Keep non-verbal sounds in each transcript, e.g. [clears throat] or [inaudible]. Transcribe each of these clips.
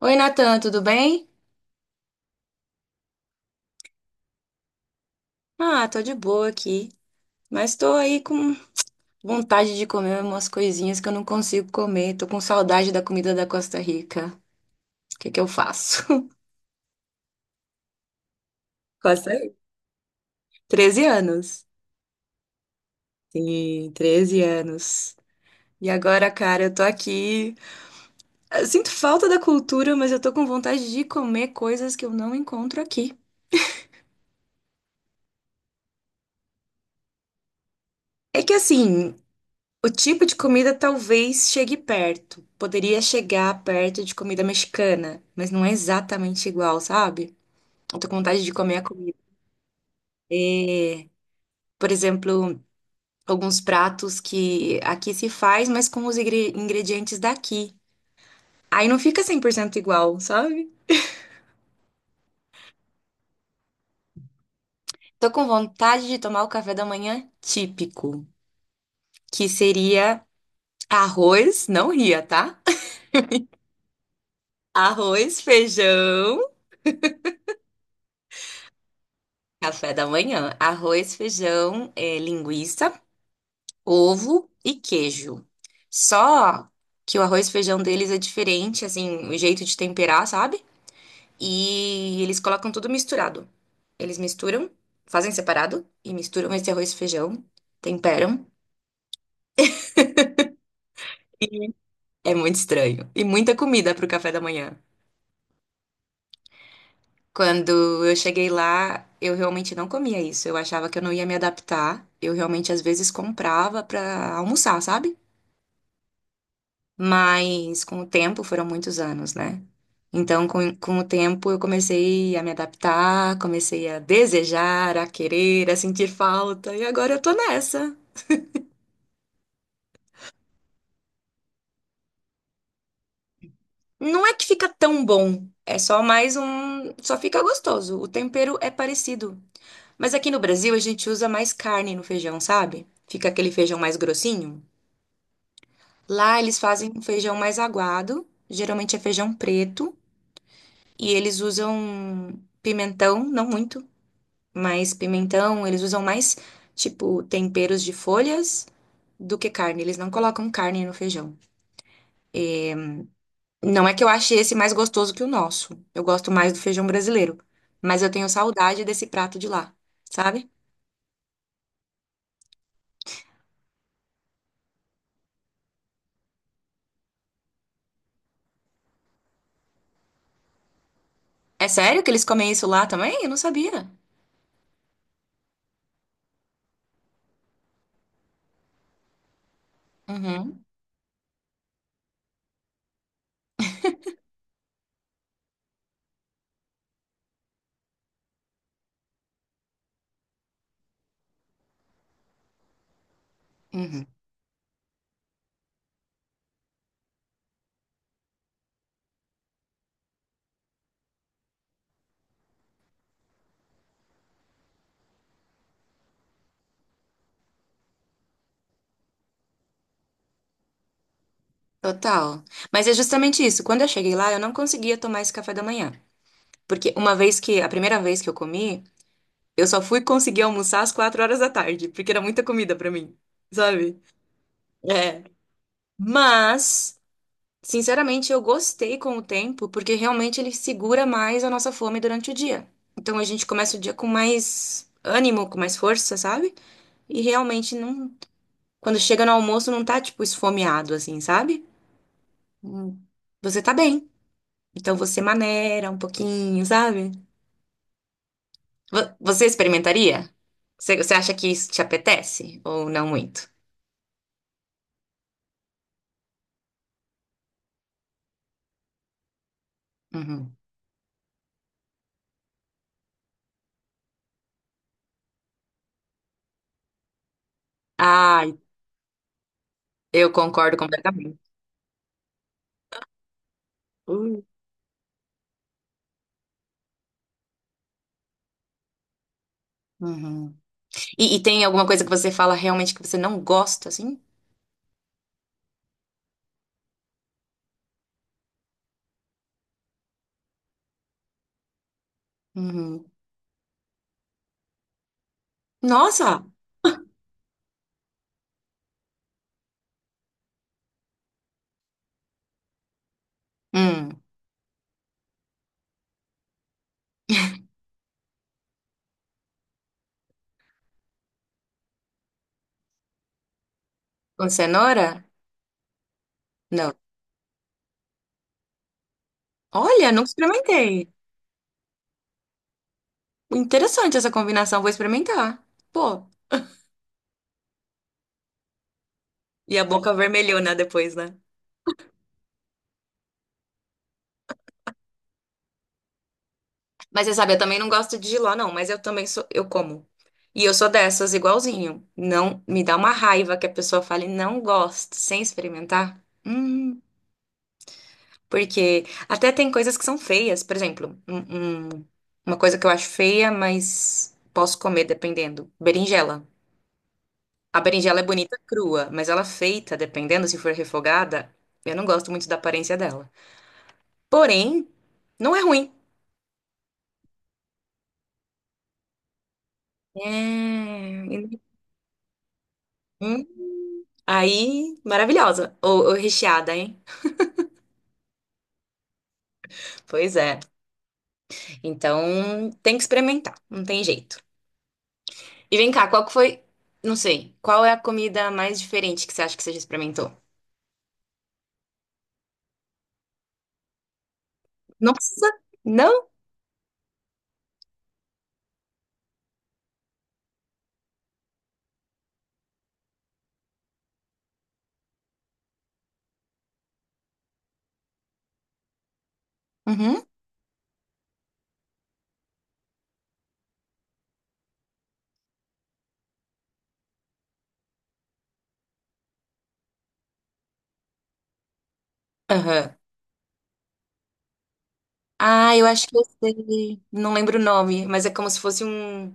Oi, Natan, tudo bem? Ah, tô de boa aqui, mas tô aí com vontade de comer umas coisinhas que eu não consigo comer. Tô com saudade da comida da Costa Rica. O que que eu faço? [laughs] Costa Rica. 13 anos. Sim, 13 anos. E agora, cara, eu tô aqui. Eu sinto falta da cultura, mas eu tô com vontade de comer coisas que eu não encontro aqui. É que assim, o tipo de comida talvez chegue perto. Poderia chegar perto de comida mexicana, mas não é exatamente igual, sabe? Eu tô com vontade de comer a comida. É, por exemplo, alguns pratos que aqui se faz, mas com os ingredientes daqui. Aí não fica 100% igual, sabe? Tô com vontade de tomar o café da manhã típico, que seria arroz, não ria, tá? [laughs] Arroz, feijão, café da manhã. Arroz, feijão, linguiça, ovo e queijo. Só que o arroz e feijão deles é diferente, assim, o jeito de temperar, sabe? E eles colocam tudo misturado. Eles misturam, fazem separado e misturam esse arroz e feijão, temperam. É muito estranho. E muita comida pro café da manhã. Quando eu cheguei lá, eu realmente não comia isso. Eu achava que eu não ia me adaptar. Eu realmente às vezes comprava pra almoçar, sabe? Mas com o tempo, foram muitos anos, né? Então, com o tempo, eu comecei a me adaptar, comecei a desejar, a querer, a sentir falta, e agora eu tô nessa. Não é que fica tão bom, é só mais um. Só fica gostoso. O tempero é parecido. Mas aqui no Brasil, a gente usa mais carne no feijão, sabe? Fica aquele feijão mais grossinho. Lá, eles fazem um feijão mais aguado, geralmente é feijão preto, e eles usam pimentão, não muito. Mas pimentão, eles usam mais, tipo, temperos de folhas do que carne. Eles não colocam carne no feijão. Não é que eu ache esse mais gostoso que o nosso. Eu gosto mais do feijão brasileiro. Mas eu tenho saudade desse prato de lá, sabe? É sério que eles comem isso lá também? Eu não sabia. Uhum. Uhum. Total. Mas é justamente isso. Quando eu cheguei lá, eu não conseguia tomar esse café da manhã. Porque uma vez que, a primeira vez que eu comi, eu só fui conseguir almoçar às 4 horas da tarde, porque era muita comida pra mim, sabe? É. Mas, sinceramente, eu gostei com o tempo, porque realmente ele segura mais a nossa fome durante o dia. Então a gente começa o dia com mais ânimo, com mais força, sabe? E realmente não, quando chega no almoço não tá tipo esfomeado assim, sabe? Hum. Você tá bem. Então você maneira um pouquinho, sabe? Você experimentaria? Você acha que isso te apetece ou não muito? Uhum. Ai, eu concordo completamente. Uhum. E tem alguma coisa que você fala realmente que você não gosta, assim? Uhum. Nossa! Hum. Com cenoura? Não. Olha, nunca experimentei. Interessante essa combinação, vou experimentar. Pô, e a boca vermelhona depois, né? Mas você sabe, eu também não gosto de jiló, não, mas eu também sou, eu como. E eu sou dessas, igualzinho. Não, me dá uma raiva que a pessoa fale, não gosto, sem experimentar. Hum. Porque até tem coisas que são feias. Por exemplo, uma coisa que eu acho feia, mas posso comer dependendo. Berinjela. A berinjela é bonita crua, mas ela feita, dependendo se for refogada, eu não gosto muito da aparência dela. Porém, não é ruim. É. Hum, Aí, maravilhosa. Ou recheada, hein? Pois é. Então, tem que experimentar. Não tem jeito. E vem cá, qual que foi. Não sei. Qual é a comida mais diferente que você acha que você já experimentou? Não precisa? Não? Uhum. Aham. Ah, eu acho que eu sei. Não lembro o nome, mas é como se fosse um,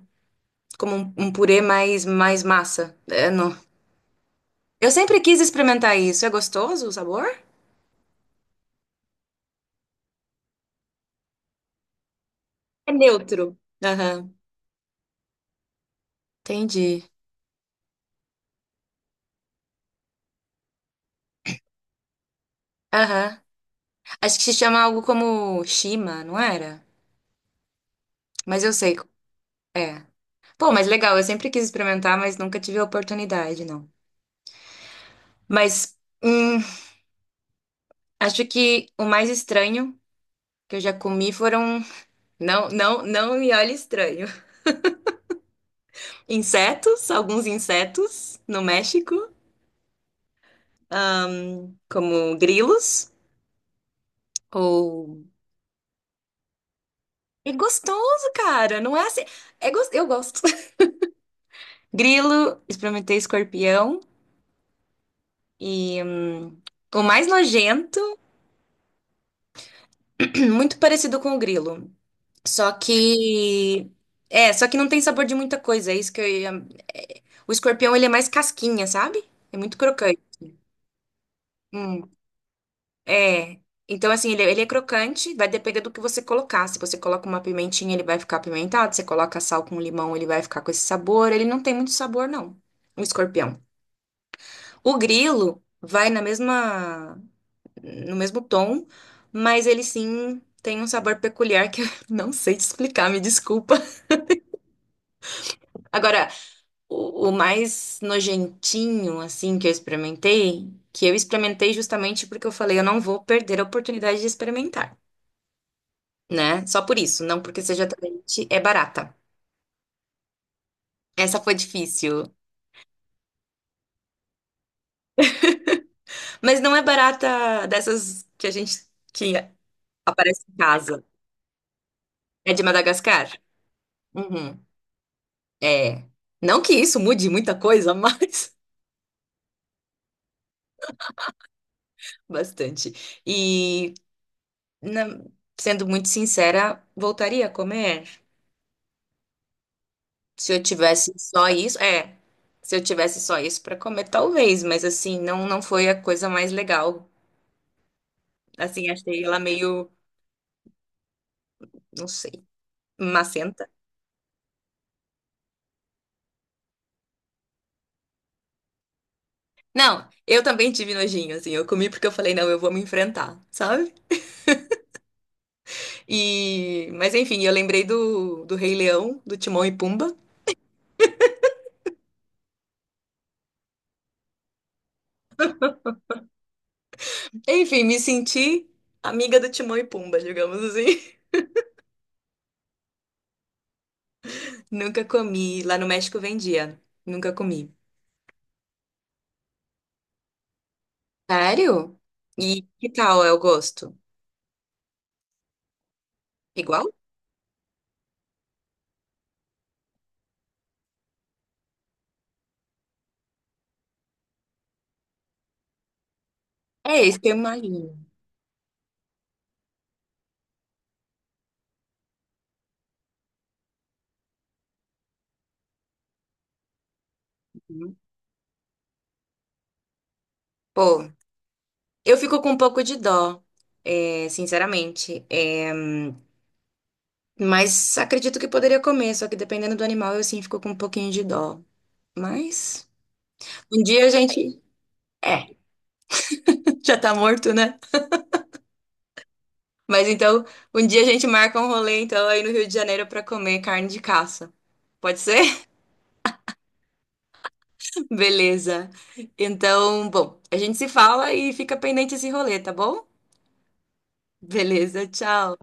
como um purê mais massa. É, não. Eu sempre quis experimentar isso. É gostoso o sabor? É neutro. Aham. Entendi. Aham. Acho que se chama algo como shima, não era? Mas eu sei. É. Pô, mas legal. Eu sempre quis experimentar, mas nunca tive a oportunidade, não. Mas hum, acho que o mais estranho que eu já comi foram. Não, não, não me olhe estranho. Insetos, alguns insetos no México, ahn, como grilos, ou. É gostoso, cara, não é assim. Eu gosto. [laughs] Grilo, experimentei escorpião, e o mais nojento, [clears throat] muito parecido com o grilo, só que. É, só que não tem sabor de muita coisa, é isso que eu ia. O escorpião, ele é mais casquinha, sabe? É muito crocante. Hum. É. Então, assim, ele é crocante, vai depender do que você colocar. Se você coloca uma pimentinha, ele vai ficar apimentado. Se você coloca sal com limão, ele vai ficar com esse sabor. Ele não tem muito sabor, não. O escorpião. O grilo vai na mesma, no mesmo tom, mas ele sim tem um sabor peculiar que eu [laughs] não sei te explicar, me desculpa. Agora, o mais nojentinho, assim, que eu experimentei justamente porque eu falei, eu não vou perder a oportunidade de experimentar, né? Só por isso, não porque seja atraente, é barata. Essa foi difícil. Mas não é barata dessas que a gente que aparece em casa. É de Madagascar? Uhum. É. Não que isso mude muita coisa, mas [laughs] bastante. E na- sendo muito sincera, voltaria a comer. Se eu tivesse só isso, é. Se eu tivesse só isso para comer, talvez, mas assim, não foi a coisa mais legal. Assim, achei ela meio, não sei, macenta. Não, eu também tive nojinho, assim. Eu comi porque eu falei, não, eu vou me enfrentar, sabe? E, mas enfim, eu lembrei do Rei Leão, do Timão e Pumba. Enfim, me senti amiga do Timão e Pumba, digamos assim. [laughs] Nunca comi. Lá no México vendia. Nunca comi. Sério? E que tal é o gosto? Igual? É isso que eu imagino. Pô, eu fico com um pouco de dó, é, sinceramente. Mas acredito que poderia comer, só que dependendo do animal, eu sim fico com um pouquinho de dó. Mas um dia a gente. É, [laughs] já tá morto, né? Mas então, um dia a gente marca um rolê, então, aí no Rio de Janeiro pra comer carne de caça. Pode ser? [laughs] Beleza. Então, bom, a gente se fala e fica pendente esse rolê, tá bom? Beleza, tchau.